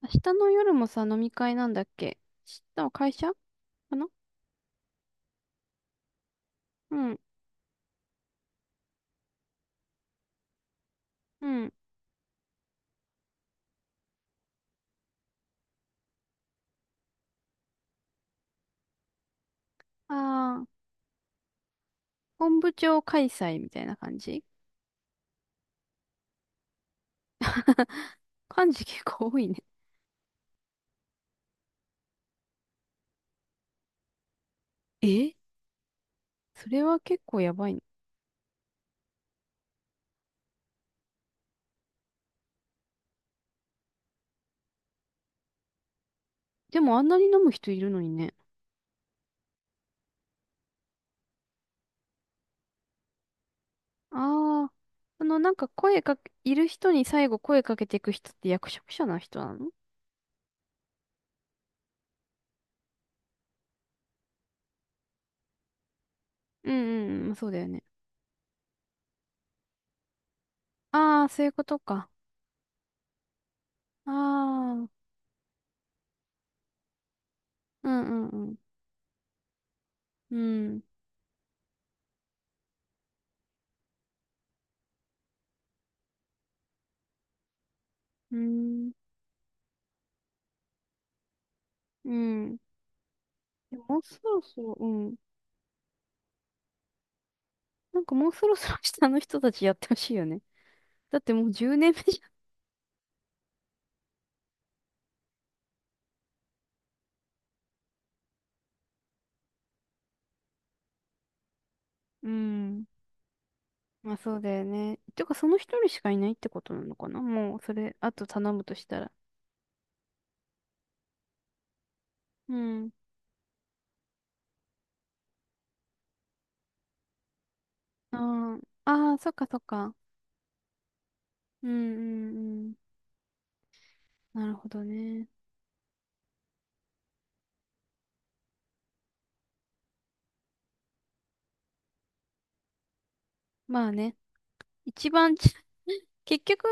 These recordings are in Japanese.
明日の夜もさ、飲み会なんだっけ。明日は会社かな。うん、うん。ああ、本部長開催みたいな感じ。 感じ結構多いね。え、それは結構やばいね。でもあんなに飲む人いるのにね。ああ、あの、なんか声かけ、いる人に最後声かけていく人って役職者な人なの？うんうんうん、そうだよね。ああ、そういうことか。ああ、うん。うんうん。うん、うん、うん。でももうそろそろ、うん。なんかもうそろそろ下の人たちやってほしいよね。だってもう10年目じゃん。うん。まあそうだよね。てかその一人しかいないってことなのかな、もうそれ、あと頼むとしたら。うん。あーあー、そっかそっか。うんうんうん。なるほどね。まあね。一番ち、結局、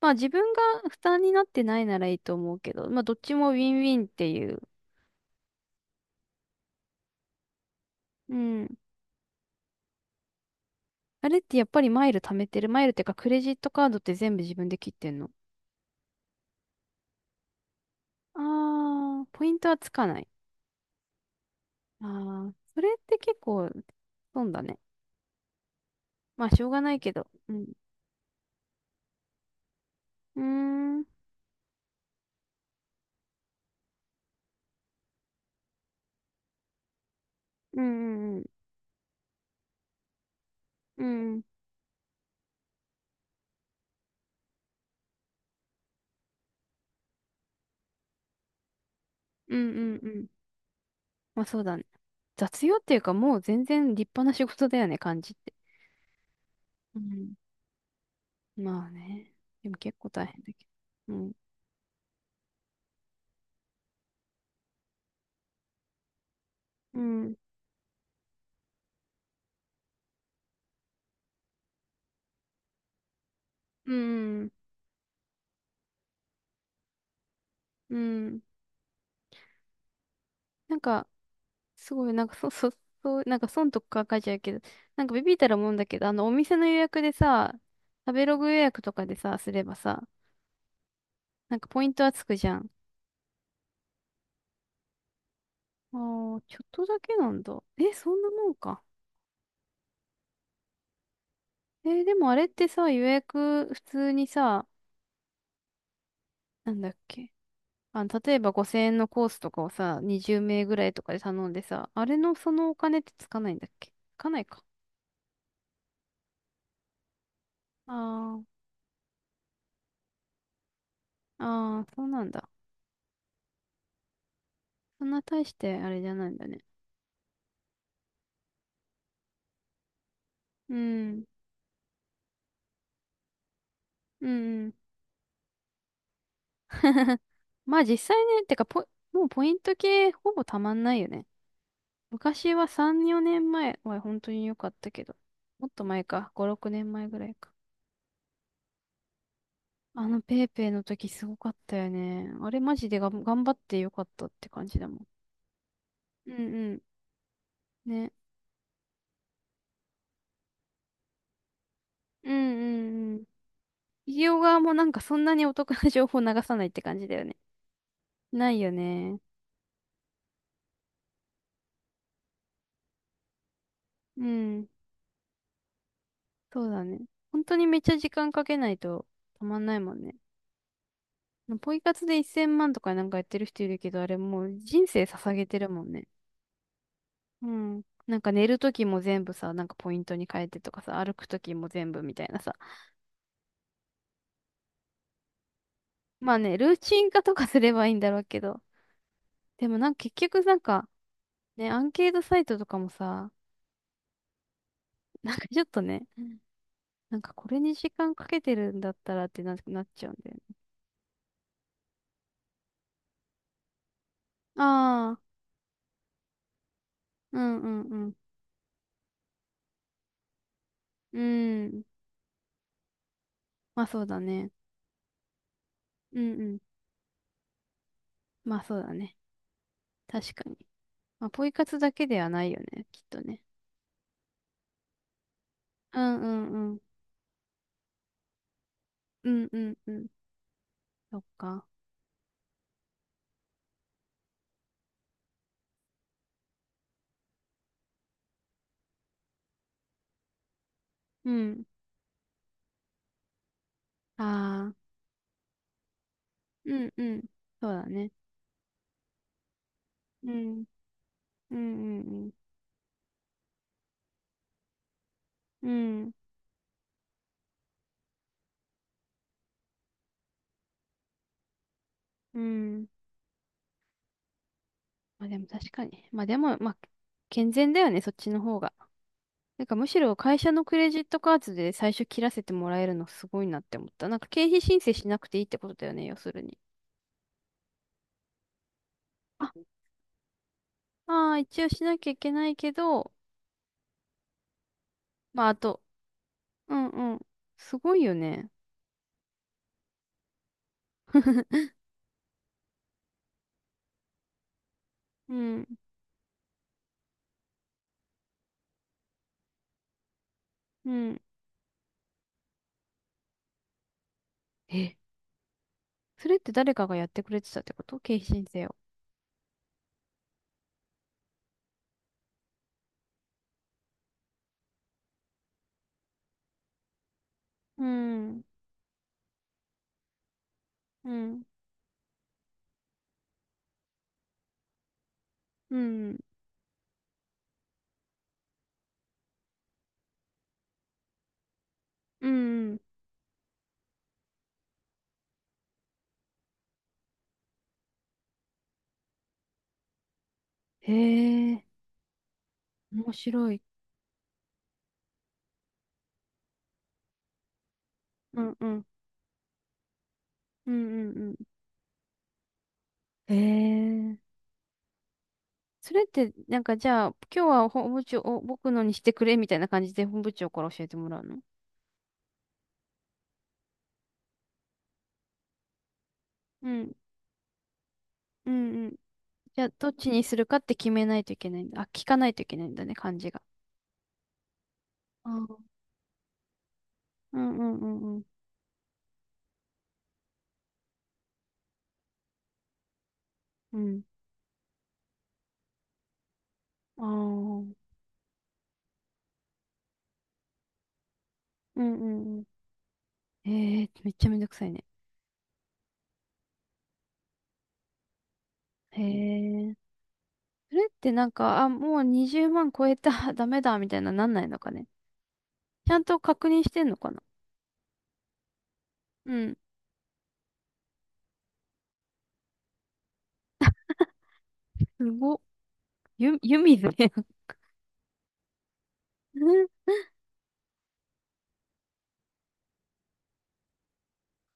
まあ自分が負担になってないならいいと思うけど、まあどっちもウィンウィンっていう。うん。あれってやっぱりマイル貯めてる。マイルってかクレジットカードって全部自分で切ってんの？ああ、ポイントはつかない。ああ、それって結構、損だね。まあ、しょうがないけど。うん。うーん。うんうんうん。うん。うんうんうん。まあ、そうだね。雑用っていうか、もう全然立派な仕事だよね、感じって。うん。まあね。でも結構大変だけど。うん。うん。うん。うん。なんか、すごい、なんか、そ、そ、そう、なんか損とか書いちゃうけど、なんかビビったらもんだけど、あの、お店の予約でさ、食べログ予約とかでさ、すればさ、なんかポイントはつくじゃん。ああ、ちょっとだけなんだ。え、そんなもんか。えー、でもあれってさ、予約普通にさ、なんだっけ。あの、例えば5000円のコースとかをさ、20名ぐらいとかで頼んでさ、あれのそのお金ってつかないんだっけ、つかないか。ああ、ああ、そうなんだ。そんな大してあれじゃないんだね。うん、うん、うん。まあ実際ね、てかポイ、もうポイント系ほぼたまんないよね。昔は3、4年前は本当に良かったけど、もっと前か、5、6年前ぐらいか。あのペイペイの時すごかったよね。あれマジでがん頑張って良かったって感じだもん。うんうん。ね。うんうんうん。企業側もなんかそんなにお得な情報流さないって感じだよね。ないよね。うん。そうだね。本当にめっちゃ時間かけないとたまんないもんね。ポイ活で1000万とかなんかやってる人いるけど、あれもう人生捧げてるもんね。うん。なんか寝るときも全部さ、なんかポイントに変えてとかさ、歩くときも全部みたいなさ。まあね、ルーチン化とかすればいいんだろうけど。でもなんか結局なんか、ね、アンケートサイトとかもさ、なんかちょっとね、うん、なんかこれに時間かけてるんだったらってな、なっちゃうんだよね。ああ、うんうんうん。うん。まあそうだね。うんうん。まあそうだね。確かに。まあポイ活だけではないよね、きっとね。うんうんうん。うんうんうん。そっか。うん。ああ。うんうん。そうだね。うん。うんうんうん。うん。うん。まあでも確かに。まあでも、まあ、健全だよね、そっちの方が。なんかむしろ会社のクレジットカードで最初切らせてもらえるのすごいなって思った。なんか経費申請しなくていいってことだよね、要するに。あ、ああ、一応しなきゃいけないけど、まああと、うんうん。すごいよね。うん、うん。え、それって誰かがやってくれてたってこと、経費申請を。うん、うん、うん、うん、うん、へえ、面白い。うんうん。うんうんうん。へえ。それって、なんかじゃあ、今日は本部長を僕のにしてくれみたいな感じで本部長から教えてもらうの？うん。うんうん。じゃあ、どっちにするかって決めないといけないんだ。あ、聞かないといけないんだね、感じが。あー、うんうんうんうん。うん。ああ。うんうんうん。へえ、めっちゃめんどくさいね。へえ。それってなんか、あ、もう20万超えた、ダメだ、みたいななんないのかね。ちゃんと確認してんのかな。うん、すごっ。湯湯水ね。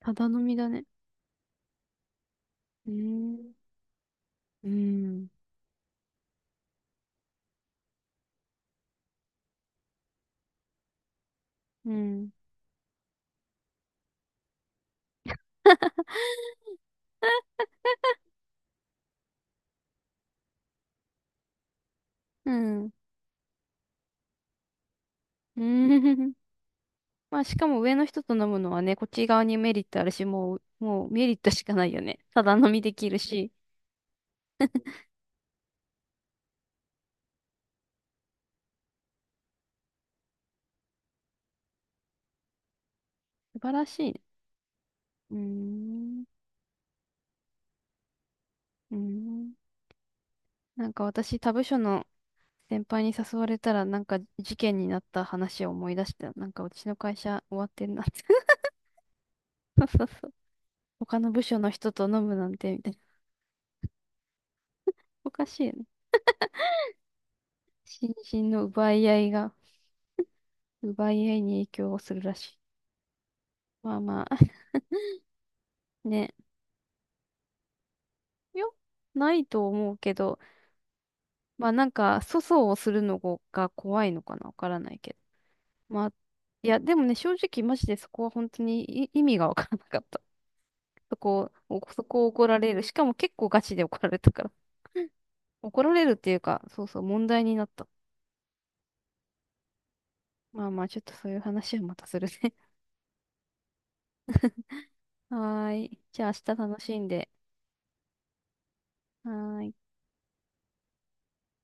ただ飲みだね。うーん。うん。うん。うん。うん。まあ、しかも上の人と飲むのはね、こっち側にメリットあるし、もう、もうメリットしかないよね。ただ飲みできるし。素晴らしいね。うーん。うーん。なんか私、他部署の先輩に誘われたら、なんか事件になった話を思い出して、なんかうちの会社終わってんなって。そうそうそう。他の部署の人と飲むなんて、みたいな。おかしいよね。心身の奪い合いが、奪い合いに影響をするらしい。まあまあ、ね。よ、ないと思うけど、まあなんか、粗相をするのが怖いのかな、わからないけど。まあ、いや、でもね、正直マジでそこは本当にい意味がわからなかった。そこを、そこを怒られる。しかも結構ガチで怒られたから。怒られるっていうか、そうそう、問題になった。まあまあ、ちょっとそういう話はまたするね。はーい。じゃあ明日楽しんで。はーい。